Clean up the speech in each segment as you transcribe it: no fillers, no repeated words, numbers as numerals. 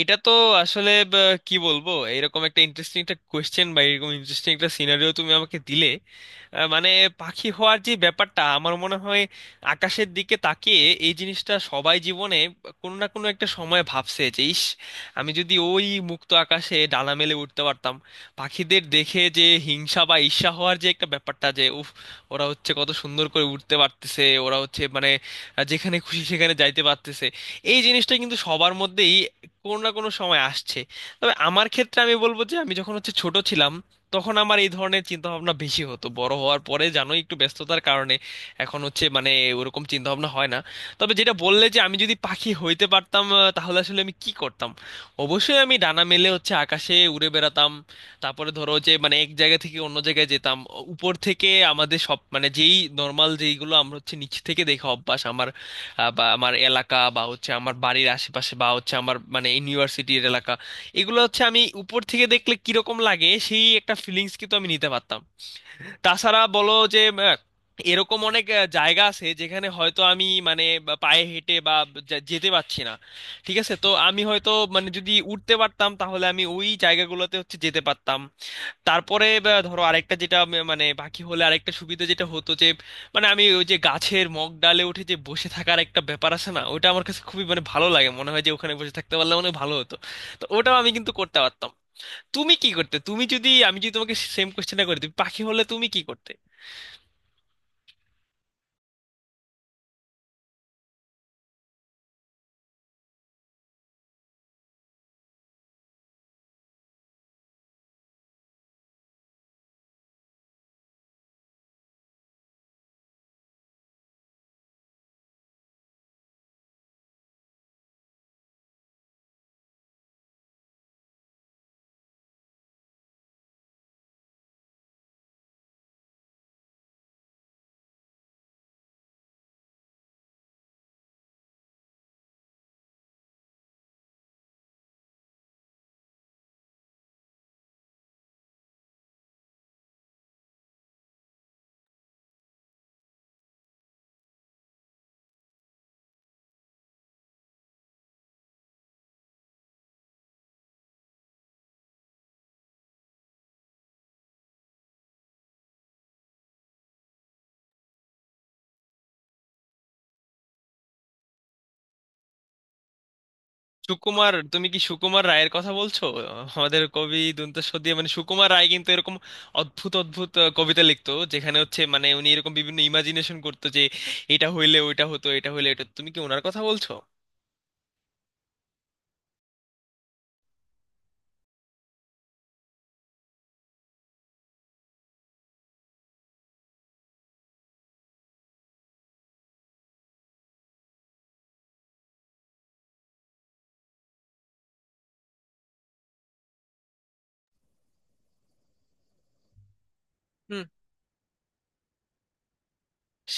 এটা তো আসলে কি বলবো, এরকম একটা ইন্টারেস্টিং একটা কোয়েশ্চেন বা এরকম ইন্টারেস্টিং একটা সিনারিও তুমি আমাকে দিলে। মানে পাখি হওয়ার যে ব্যাপারটা, আমার মনে হয় আকাশের দিকে তাকিয়ে এই জিনিসটা সবাই জীবনে কোনো না কোনো একটা সময় ভাবছে যে, ইস আমি যদি ওই মুক্ত আকাশে ডানা মেলে উঠতে পারতাম। পাখিদের দেখে যে হিংসা বা ঈর্ষা হওয়ার যে একটা ব্যাপারটা, যে উফ ওরা হচ্ছে কত সুন্দর করে উঠতে পারতেছে, ওরা হচ্ছে মানে যেখানে খুশি সেখানে যাইতে পারতেছে। এই জিনিসটা কিন্তু সবার মধ্যেই কোনো না কোনো সময় আসছে। তবে আমার ক্ষেত্রে আমি বলবো যে, আমি যখন হচ্ছে ছোট ছিলাম, তখন আমার এই ধরনের চিন্তা ভাবনা বেশি হতো। বড় হওয়ার পরে জানোই, একটু ব্যস্ততার কারণে এখন হচ্ছে মানে ওরকম চিন্তা ভাবনা হয় না। তবে যেটা বললে যে, আমি যদি পাখি হইতে পারতাম তাহলে আসলে আমি কি করতাম? অবশ্যই আমি ডানা মেলে হচ্ছে আকাশে উড়ে বেড়াতাম। তারপরে ধরো যে, মানে এক জায়গা থেকে অন্য জায়গায় যেতাম। উপর থেকে আমাদের সব মানে যেই নর্মাল যেইগুলো আমরা হচ্ছে নিচ থেকে দেখা অভ্যাস আমার, বা আমার এলাকা বা হচ্ছে আমার বাড়ির আশেপাশে বা হচ্ছে আমার মানে ইউনিভার্সিটির এলাকা, এগুলো হচ্ছে আমি উপর থেকে দেখলে কিরকম লাগে সেই একটা ফিলিংস কিন্তু আমি নিতে পারতাম। তাছাড়া বলো যে আহ, এরকম অনেক জায়গা আছে যেখানে হয়তো আমি মানে বা পায়ে হেঁটে বা যেতে পারছি না। ঠিক আছে, তো আমি হয়তো মানে যদি উঠতে পারতাম, তাহলে আমি ওই জায়গাগুলোতে হচ্ছে যেতে পারতাম। তারপরে বা ধরো আরেকটা যেটা মানে বাকি হলে আরেকটা সুবিধা যেটা হতো যে, মানে আমি ওই যে গাছের মগ ডালে উঠে যে বসে থাকার একটা ব্যাপার আছে না, ওটা আমার কাছে খুবই মানে ভালো লাগে। মনে হয় যে ওখানে বসে থাকতে পারলে মনে হয় ভালো হতো। তো ওটাও আমি কিন্তু করতে পারতাম। তুমি কি করতে? তুমি যদি, আমি যদি তোমাকে সেম কোশ্চেনটা করে দিই, পাখি হলে তুমি কি করতে? সুকুমার, তুমি কি সুকুমার রায়ের কথা বলছো? আমাদের কবি দুন্ত সদিয়ে মানে সুকুমার রায় কিন্তু এরকম অদ্ভুত অদ্ভুত কবিতা লিখতো, যেখানে হচ্ছে মানে উনি এরকম বিভিন্ন ইমাজিনেশন করতো যে এটা হইলে ওইটা হতো, এটা হইলে এটা। তুমি কি ওনার কথা বলছো?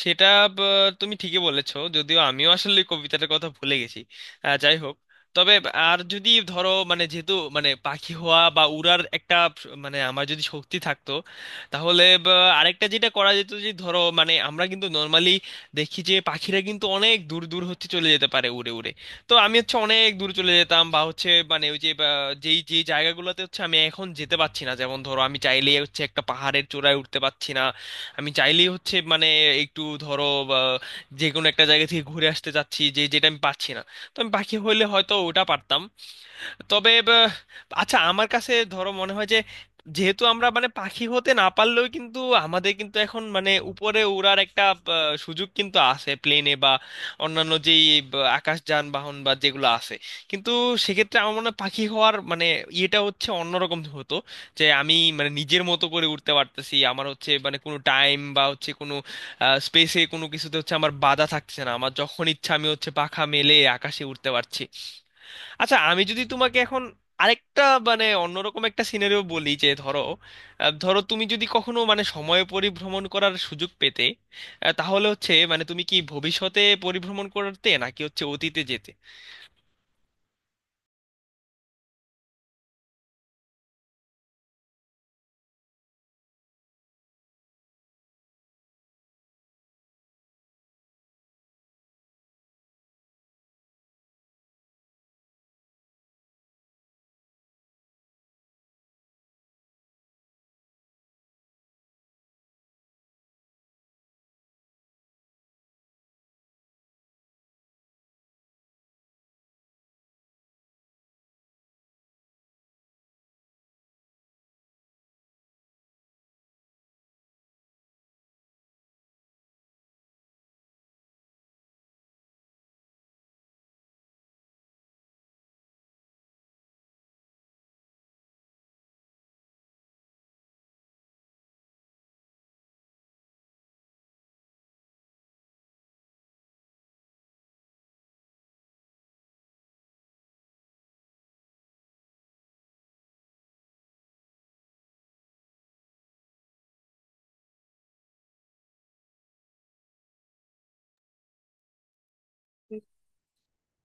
সেটা ব- তুমি ঠিকই বলেছো, যদিও আমিও আসলে কবিতাটার কথা ভুলে গেছি। যাই হোক, তবে আর যদি ধরো মানে যেহেতু মানে পাখি হওয়া বা উড়ার একটা মানে আমার যদি শক্তি থাকতো, তাহলে আরেকটা যেটা করা যেত যে, ধরো মানে আমরা কিন্তু নর্মালি দেখি যে পাখিরা কিন্তু অনেক দূর দূর হচ্ছে চলে যেতে পারে উড়ে উড়ে। তো আমি হচ্ছে অনেক দূর চলে যেতাম, বা হচ্ছে মানে ওই যে বা, যেই যেই জায়গাগুলোতে হচ্ছে আমি এখন যেতে পারছি না, যেমন ধরো আমি চাইলেই হচ্ছে একটা পাহাড়ের চূড়ায় উঠতে পারছি না। আমি চাইলেই হচ্ছে মানে একটু ধরো বা যে কোনো একটা জায়গা থেকে ঘুরে আসতে চাচ্ছি যে, যেটা আমি পাচ্ছি না, তো আমি পাখি হইলে হয়তো ওটা পারতাম। তবে আচ্ছা আমার কাছে ধরো মনে হয় যে যেহেতু আমরা মানে পাখি হতে না পারলেও কিন্তু আমাদের কিন্তু এখন মানে উপরে উড়ার একটা সুযোগ কিন্তু আছে, প্লেনে বা অন্যান্য যেই আকাশ যানবাহন বা যেগুলো আছে, কিন্তু সেক্ষেত্রে আমার মনে হয় পাখি হওয়ার মানে ইয়েটা হচ্ছে অন্যরকম হতো। যে আমি মানে নিজের মতো করে উঠতে পারতেছি, আমার হচ্ছে মানে কোনো টাইম বা হচ্ছে কোনো স্পেসে কোনো কিছুতে হচ্ছে আমার বাধা থাকছে না, আমার যখন ইচ্ছা আমি হচ্ছে পাখা মেলে আকাশে উঠতে পারছি। আচ্ছা আমি যদি তোমাকে এখন আরেকটা মানে অন্যরকম একটা সিনারিও বলি যে ধরো, ধরো তুমি যদি কখনো মানে সময় পরিভ্রমণ করার সুযোগ পেতে, তাহলে হচ্ছে মানে তুমি কি ভবিষ্যতে পরিভ্রমণ করতে নাকি হচ্ছে অতীতে যেতে?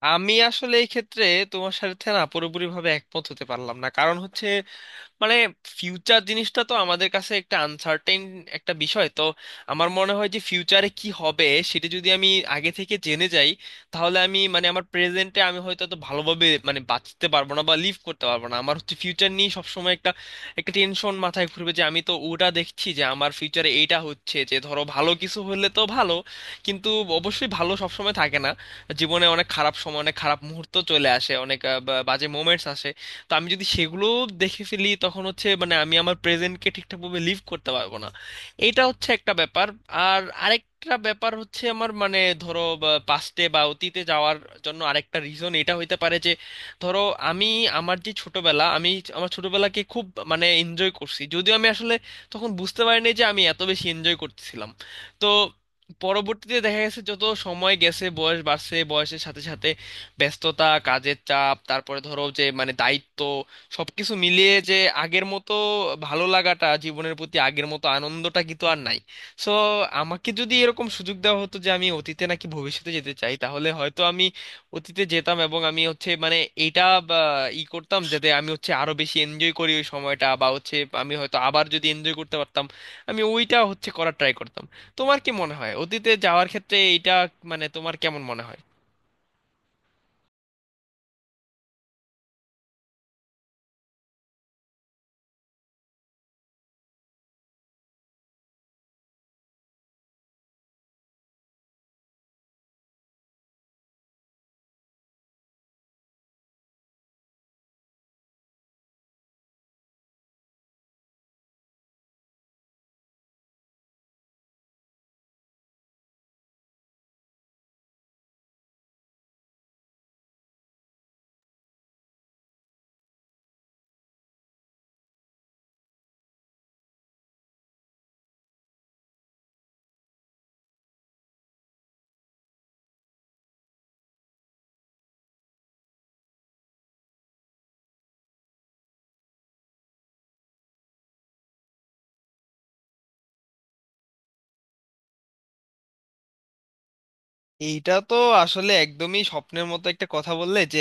আমি আসলে এই ক্ষেত্রে তোমার সাথে না পুরোপুরিভাবে একমত হতে পারলাম না, কারণ হচ্ছে মানে ফিউচার জিনিসটা তো আমাদের কাছে একটা আনসার্টেন একটা বিষয় তো। আমার মনে হয় যে ফিউচারে কি হবে সেটা যদি আমি আগে থেকে জেনে যাই, তাহলে আমি মানে আমার প্রেজেন্টে আমি হয়তো তো ভালোভাবে মানে বাঁচতে পারবো না বা লিভ করতে পারবো না। আমার হচ্ছে ফিউচার নিয়ে সবসময় একটা একটা টেনশন মাথায় ঘুরবে যে, আমি তো ওটা দেখছি যে আমার ফিউচারে এইটা হচ্ছে যে ধরো ভালো কিছু হলে তো ভালো, কিন্তু অবশ্যই ভালো সবসময় থাকে না। জীবনে অনেক খারাপ সময়, অনেক খারাপ মুহূর্ত চলে আসে, অনেক বাজে মোমেন্টস আসে। তো আমি যদি সেগুলো দেখে ফেলি, তখন হচ্ছে মানে আমি আমার প্রেজেন্টকে ঠিকঠাকভাবে লিভ করতে পারবো না। এটা হচ্ছে একটা ব্যাপার। আর আরেকটা ব্যাপার হচ্ছে আমার মানে ধরো পাস্টে বা অতীতে যাওয়ার জন্য আরেকটা রিজন এটা হইতে পারে যে, ধরো আমি আমার যে ছোটবেলা, আমি আমার ছোটবেলাকে খুব মানে এনজয় করছি, যদিও আমি আসলে তখন বুঝতে পারিনি যে আমি এত বেশি এনজয় করতেছিলাম। তো পরবর্তীতে দেখা গেছে যত সময় গেছে বয়স বাড়ছে, বয়সের সাথে সাথে ব্যস্ততা, কাজের চাপ, তারপরে ধরো যে মানে দায়িত্ব, সবকিছু মিলিয়ে যে আগের মতো ভালো লাগাটা জীবনের প্রতি আগের মতো আনন্দটা কিন্তু আর নাই। সো আমাকে যদি এরকম সুযোগ দেওয়া হতো যে আমি অতীতে নাকি ভবিষ্যতে যেতে চাই, তাহলে হয়তো আমি অতীতে যেতাম এবং আমি হচ্ছে মানে এইটা বা ই করতাম, যাতে আমি হচ্ছে আরো বেশি এনজয় করি ওই সময়টা, বা হচ্ছে আমি হয়তো আবার যদি এনজয় করতে পারতাম, আমি ওইটা হচ্ছে করার ট্রাই করতাম। তোমার কি মনে হয় অতীতে যাওয়ার ক্ষেত্রে এইটা মানে তোমার কেমন মনে হয়? এইটা তো আসলে একদমই স্বপ্নের মতো একটা কথা বললে যে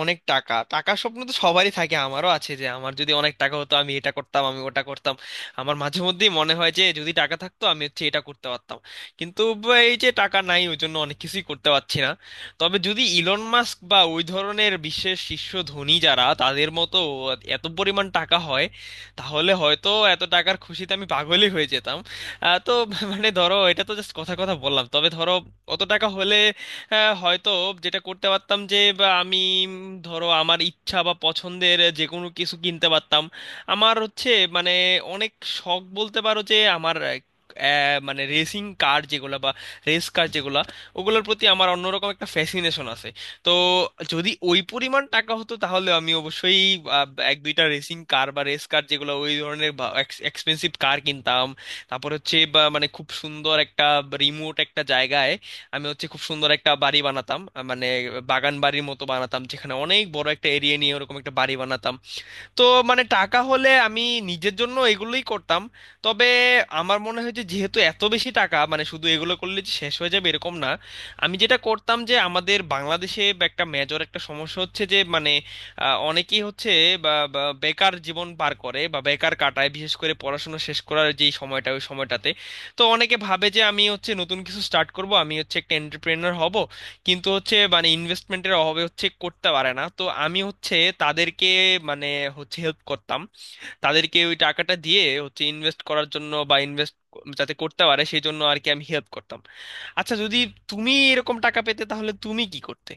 অনেক টাকা। টাকার স্বপ্ন তো সবারই থাকে, আমারও আছে যে আমার যদি অনেক টাকা হতো আমি এটা করতাম আমি ওটা করতাম। আমার মাঝে মধ্যেই মনে হয় যে যদি টাকা থাকতো আমি হচ্ছে এটা করতে পারতাম, কিন্তু এই যে টাকা নাই, ওই জন্য অনেক কিছুই করতে পারছি না। তবে যদি ইলন মাস্ক বা ওই ধরনের বিশ্বের শীর্ষ ধনী যারা তাদের মতো এত পরিমাণ টাকা হয়, তাহলে হয়তো এত টাকার খুশিতে আমি পাগলই হয়ে যেতাম। তো মানে ধরো এটা তো জাস্ট কথা কথা বললাম। তবে ধরো কত টাকা হলে হয়তো যেটা করতে পারতাম যে, বা আমি উম, ধরো আমার ইচ্ছা বা পছন্দের যে কোনো কিছু কিনতে পারতাম। আমার হচ্ছে মানে অনেক শখ বলতে পারো যে আমার মানে রেসিং কার যেগুলো বা রেস কার যেগুলো, ওগুলোর প্রতি আমার অন্যরকম একটা ফ্যাসিনেশন আছে। তো যদি ওই পরিমাণ টাকা হতো তাহলে আমি অবশ্যই এক দুইটা রেসিং কার বা রেস কার যেগুলো ওই ধরনের এক্সপেন্সিভ কার কিনতাম। তারপর হচ্ছে বা মানে খুব সুন্দর একটা রিমোট একটা জায়গায় আমি হচ্ছে খুব সুন্দর একটা বাড়ি বানাতাম, মানে বাগান বাড়ির মতো বানাতাম, যেখানে অনেক বড় একটা এরিয়া নিয়ে ওরকম একটা বাড়ি বানাতাম। তো মানে টাকা হলে আমি নিজের জন্য এগুলোই করতাম। তবে আমার মনে হয় যে যেহেতু এত বেশি টাকা মানে শুধু এগুলো করলে যে শেষ হয়ে যাবে এরকম না। আমি যেটা করতাম যে, আমাদের বাংলাদেশে একটা মেজর একটা সমস্যা হচ্ছে যে মানে অনেকেই হচ্ছে বা বা বেকার জীবন পার করে বা বেকার কাটায়, বিশেষ করে পড়াশোনা শেষ করার যেই সময়টা, ওই সময়টাতে। তো অনেকে ভাবে যে আমি হচ্ছে নতুন কিছু স্টার্ট করব, আমি হচ্ছে একটা এন্টারপ্রেনার হব, কিন্তু হচ্ছে মানে ইনভেস্টমেন্টের অভাবে হচ্ছে করতে পারে না। তো আমি হচ্ছে তাদেরকে মানে হচ্ছে হেল্প করতাম, তাদেরকে ওই টাকাটা দিয়ে হচ্ছে ইনভেস্ট করার জন্য বা ইনভেস্ট যাতে করতে পারে সেই জন্য আর কি, আমি হেল্প করতাম। আচ্ছা যদি তুমি এরকম টাকা পেতে, তাহলে তুমি কি করতে?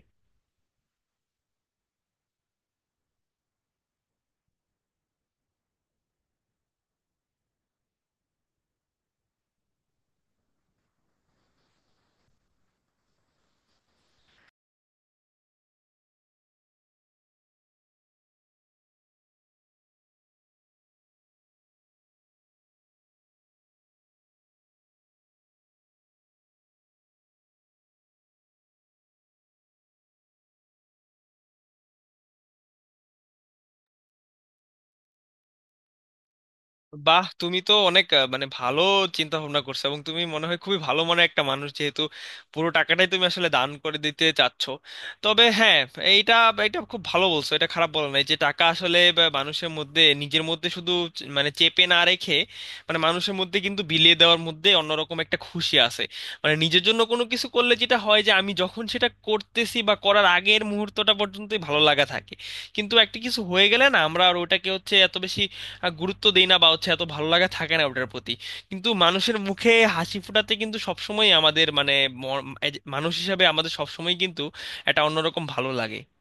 বাহ, তুমি তো অনেক মানে ভালো চিন্তা ভাবনা করছো এবং তুমি মনে হয় খুবই ভালো মনের একটা মানুষ, যেহেতু পুরো টাকাটাই তুমি আসলে দান করে দিতে চাচ্ছ। তবে হ্যাঁ, এইটা এটা খুব ভালো বলছো, এটা খারাপ বলা নাই যে টাকা আসলে বা মানুষের মধ্যে নিজের মধ্যে শুধু মানে চেপে না রেখে, মানে মানুষের মধ্যে কিন্তু বিলিয়ে দেওয়ার মধ্যে অন্যরকম একটা খুশি আছে। মানে নিজের জন্য কোনো কিছু করলে যেটা হয় যে, আমি যখন সেটা করতেছি বা করার আগের মুহূর্তটা পর্যন্তই ভালো লাগা থাকে, কিন্তু একটা কিছু হয়ে গেলে না আমরা আর ওটাকে হচ্ছে এত বেশি গুরুত্ব দেই না বা হচ্ছে এত ভালো লাগা থাকে না ওটার প্রতি। কিন্তু মানুষের মুখে হাসি ফোটাতে কিন্তু সবসময় আমাদের মানে এই যে মানুষ হিসাবে আমাদের সবসময় কিন্তু একটা অন্যরকম ভালো লাগে।